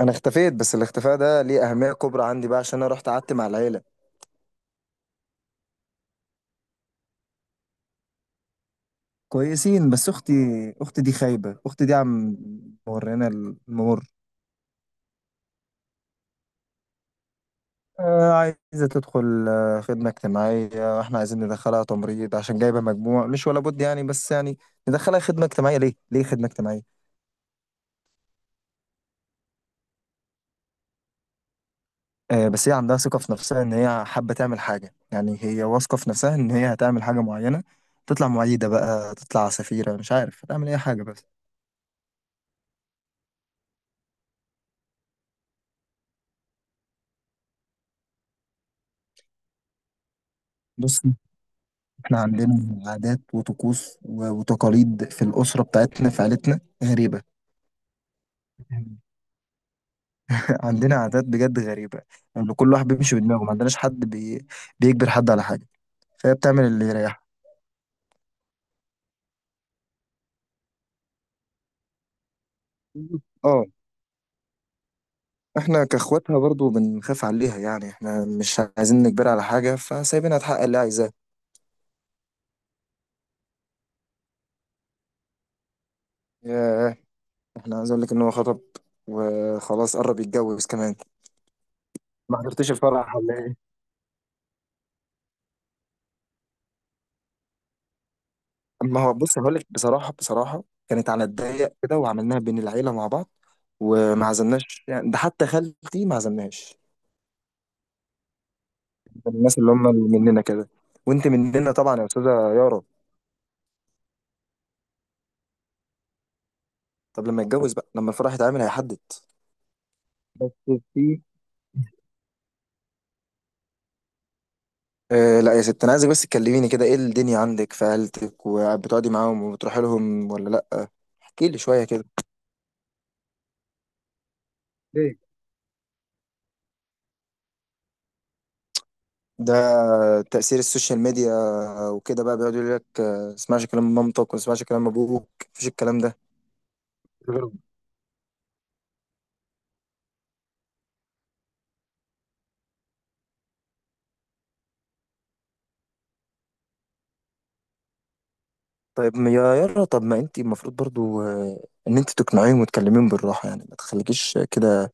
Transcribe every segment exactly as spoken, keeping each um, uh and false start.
انا اختفيت، بس الاختفاء ده ليه اهميه كبرى عندي بقى عشان انا رحت قعدت مع العيله. كويسين، بس اختي اختي دي خايبه اختي دي عم مورينا الممر. آه عايزه تدخل آه خدمه اجتماعيه. احنا عايزين ندخلها تمريض عشان جايبه مجموع مش ولا بد يعني، بس يعني ندخلها خدمه اجتماعيه ليه؟ ليه خدمه اجتماعيه؟ آه بس هي عندها ثقه في نفسها ان هي حابه تعمل حاجه، يعني هي واثقه في نفسها ان هي هتعمل حاجه معينه. تطلع معيده بقى، تطلع سفيره، مش عارف هتعمل اي حاجه بس. بص، احنا عندنا عادات وطقوس و- وتقاليد في الأسرة بتاعتنا، في عيلتنا غريبة. عندنا عادات بجد غريبة. يعني كل واحد بيمشي بدماغه، ما عندناش حد بي... بيجبر حد على حاجة، فهي بتعمل اللي يريحها. اه، احنا كاخواتها برضو بنخاف عليها، يعني احنا مش عايزين نجبرها على حاجة، فسايبينها تحقق اللي عايزاه. ياه، احنا عايز اقول لك ان هو خطب، وخلاص قرب يتجوز كمان. ما حضرتش الفرح ولا إيه؟ ما هو بص، هقول لك بصراحه، بصراحه كانت على الضيق كده وعملناها بين العيله مع بعض، وما عزمناش، يعني ده حتى خالتي ما عزمناش. من الناس اللي هم اللي مننا كده، وانت مننا طبعا يا استاذه يارا. طب لما يتجوز بقى، لما الفرح يتعمل هيحدد. بس في آه، لا يا ست، انا عايزك بس تكلميني كده، ايه الدنيا عندك في عيلتك؟ وبتقعدي معاهم وبتروحي لهم ولا لا؟ احكي لي شويه كده. ليه؟ ده تأثير السوشيال ميديا وكده بقى. بيقعدوا يقول لك آه، اسمعش كلام مامتك، وما اسمعش كلام ابوك، مفيش الكلام ده. غيرهم. طيب ما- يا يارا، طب ما انت المفروض برضو آه، ان انت تقنعيهم وتكلميهم بالراحه، يعني ما تخليكيش كده.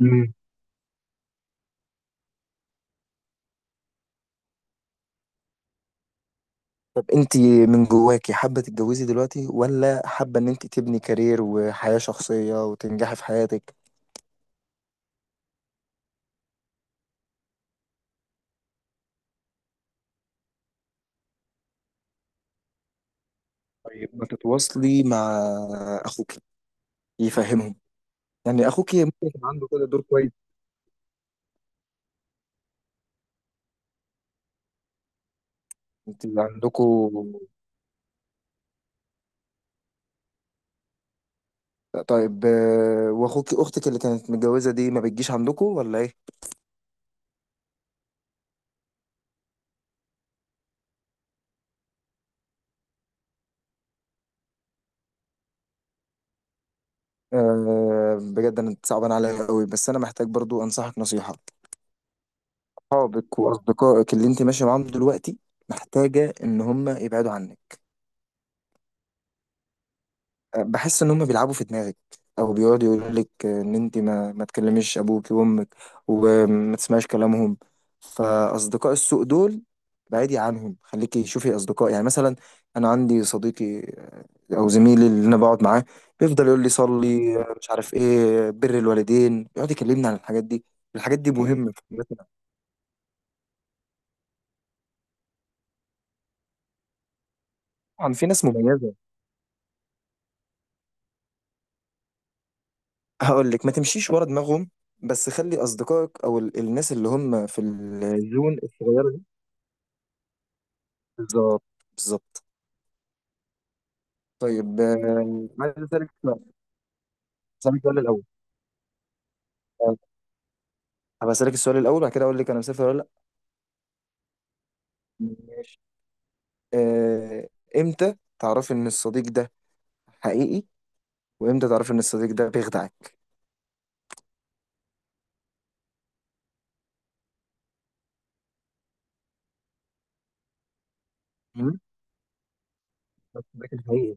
مم. طب انت من جواكي حابه تتجوزي دلوقتي، ولا حابه ان انت تبني كارير وحياه شخصيه وتنجحي في حياتك؟ طيب ما تتواصلي مع اخوك يفهمهم، يعني اخوك ممكن يكون عنده كده دور كويس. انت عندكوا. طيب آه، واخوك اختك اللي كانت متجوزه دي ما بتجيش عندكوا ولا ايه؟ أه بجد انا صعبان عليا قوي، بس انا محتاج برضو انصحك نصيحة. صحابك واصدقائك اللي انت ماشية معاهم دلوقتي محتاجة ان هم يبعدوا عنك. بحس ان هم بيلعبوا في دماغك، او بيقعدوا يقولوا لك ان انت ما ما تكلميش ابوك وامك، وما تسمعيش كلامهم. فاصدقاء السوء دول بعيدي عنهم، خليكي شوفي اصدقاء، يعني مثلا انا عندي صديقي آه، او زميلي اللي انا بقعد معاه، بيفضل يقول لي صلي، آه، مش عارف ايه، بر الوالدين، يقعد يكلمني عن الحاجات دي. الحاجات دي مم. مهمة في حياتنا. طبعا في ناس مميزة. هقول لك ما تمشيش ورا دماغهم، بس خلي اصدقائك او ال- الناس اللي هم في الزون الصغيرة. بالظبط، بالظبط. طيب آه، عايز اسالك سؤال. اسالك سؤال الاول، آه، هبقى اسالك السؤال الاول وبعد كده اقول لك انا مسافر ولا لا. ماشي. آه، امتى تعرفي ان الصديق ده حقيقي، وامتى تعرفي ان الصديق ده بيخدعك؟ مم. الصديق الحقيقي.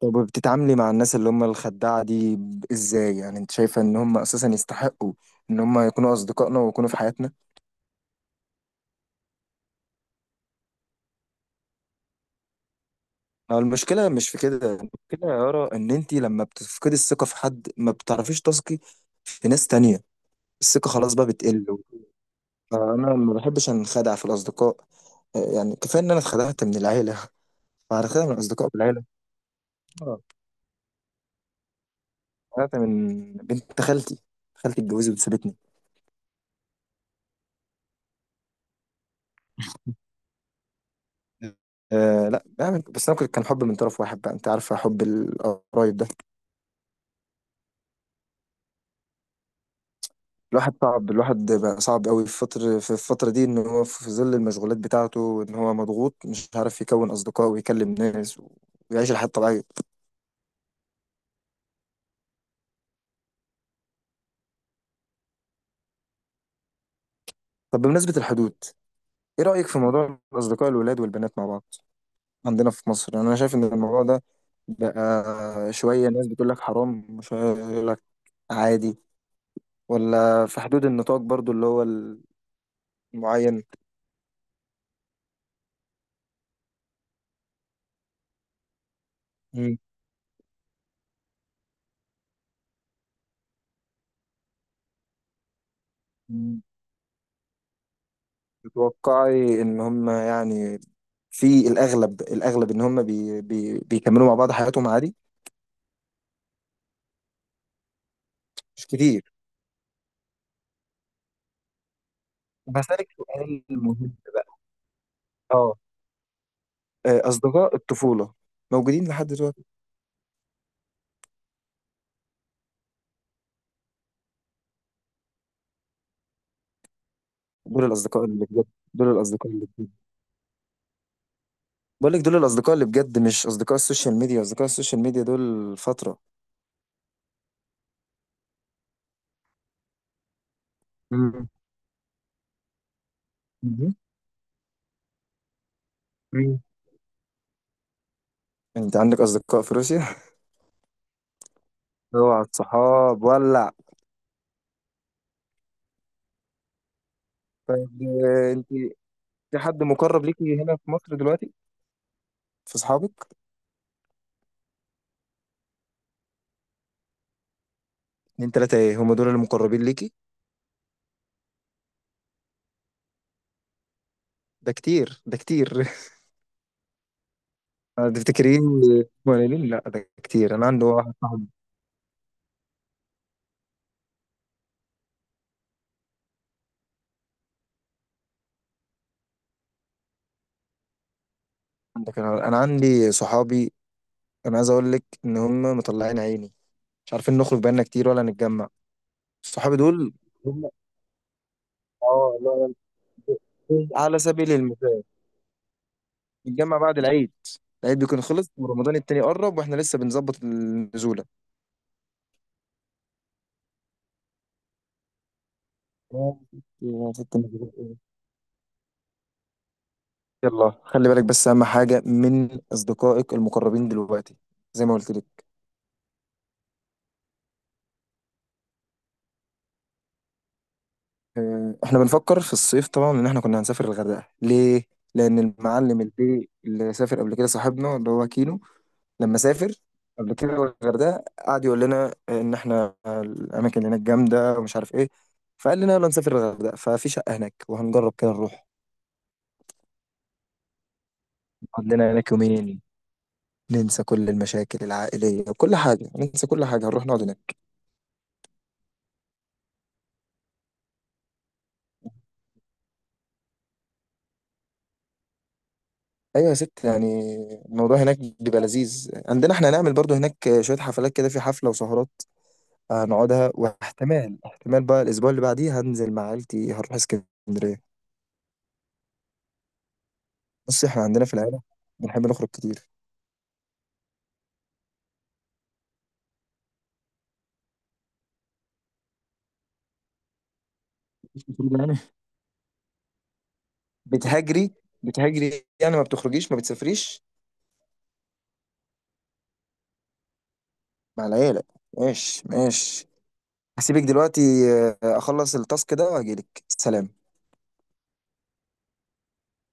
طب بتتعاملي مع الناس اللي هم الخداعة دي ب- ازاي؟ يعني انت شايفة ان هم اساسا يستحقوا ان هم يكونوا اصدقائنا ويكونوا في حياتنا؟ ما المشكلة مش في كده، المشكلة يا يارا ان انت لما بتفقدي الثقة في حد ما بتعرفيش تثقي في ناس تانية، الثقة خلاص بقى بتقل. فأنا ما بحبش أنخدع في الأصدقاء، آه، يعني كفاية إن أنا اتخدعت من العيلة. فأنا خدعت من الأصدقاء بالعيلة، آه، اتخدعت من بنت خالتي، خالتي اتجوزت وسابتني. أه لا، يعني بس أنا كنت- كان حب من طرف واحد بقى، أنت عارفة حب القرايب ده. الواحد صعب، الواحد بقى صعب قوي في فترة في الفترة دي إن هو في ظل المشغولات بتاعته، إن هو مضغوط، مش عارف يكون أصدقاء ويكلم ناس ويعيش الحياة الطبيعية. طب بمناسبة الحدود، إيه رأيك في موضوع الأصدقاء الولاد والبنات مع بعض؟ عندنا في مصر، يعني انا شايف ان الموضوع ده بقى شويه ناس بتقول لك حرام، وشويه يقول لك عادي، ولا في حدود النطاق برضو اللي هو المعين. مم. مم. تتوقعي ان هم، يعني في الاغلب، الاغلب ان هم بي بي بيكملوا مع بعض حياتهم عادي؟ مش كتير. طب هسألك سؤال مهم بقى. اه، آه، اصدقاء الطفوله موجودين لحد دلوقتي؟ دول الاصدقاء اللي بجد دول الاصدقاء اللي بجد بقول لك دول الاصدقاء اللي بجد، مش اصدقاء السوشيال ميديا، اصدقاء السوشيال ميديا دول فترة. مم. مم. مم. انت عندك اصدقاء في روسيا؟ اوعى الصحاب ولع. طيب آه، انت في حد مقرب ليكي هنا في مصر دلوقتي؟ في اصحابك؟ اتنين تلاتة ايه، هم دول المقربين ليكي؟ ده كتير، ده كتير. آه، تفتكرين قليلين؟ لا ده كتير، انا عندي واحد صاحبي. عندك، انا أنا عندي صحابي، انا عايز اقول لك ان هم مطلعين عيني، مش عارفين نخرج بقالنا كتير ولا نتجمع، صحابي دول. هم، اه لا، على سبيل المثال نتجمع بعد العيد، العيد بيكون خلص ورمضان التاني قرب واحنا لسه بنظبط النزولة. يا ستي يا ستي مزروع إيه. يلا خلي بالك، بس اهم حاجة من اصدقائك المقربين دلوقتي، زي ما قلت لك. آه، احنا بنفكر في الصيف طبعا ان احنا كنا هنسافر الغردقة. ليه؟ لان المعلم البي اللي سافر قبل كده صاحبنا اللي هو كينو، لما سافر قبل كده الغردقه قعد يقول لنا ان احنا الاماكن اللي هناك جامده ومش عارف ايه. فقال لنا يلا نسافر الغردقه، ففي شقه هناك وهنجرب كده نروح نقعد لنا هناك يومين، ننسى كل المشاكل العائليه وكل حاجه، ننسى كل حاجه، هنروح نقعد هناك. ايوه يا ست، يعني الموضوع هناك بيبقى لذيذ عندنا، احنا هنعمل برضو هناك شويه حفلات كده، في حفله وسهرات هنقعدها. واحتمال، احتمال بقى الاسبوع اللي بعديه هننزل مع عيلتي، هنروح اسكندريه. بص احنا عندنا في العيله بنحب نخرج كتير. بتهاجري، بتهاجري يعني ما بتخرجيش ما بتسافريش. مع العيلة. ماشي ماشي، هسيبك دلوقتي، آه، اخلص التاسك ده واجيلك سلام.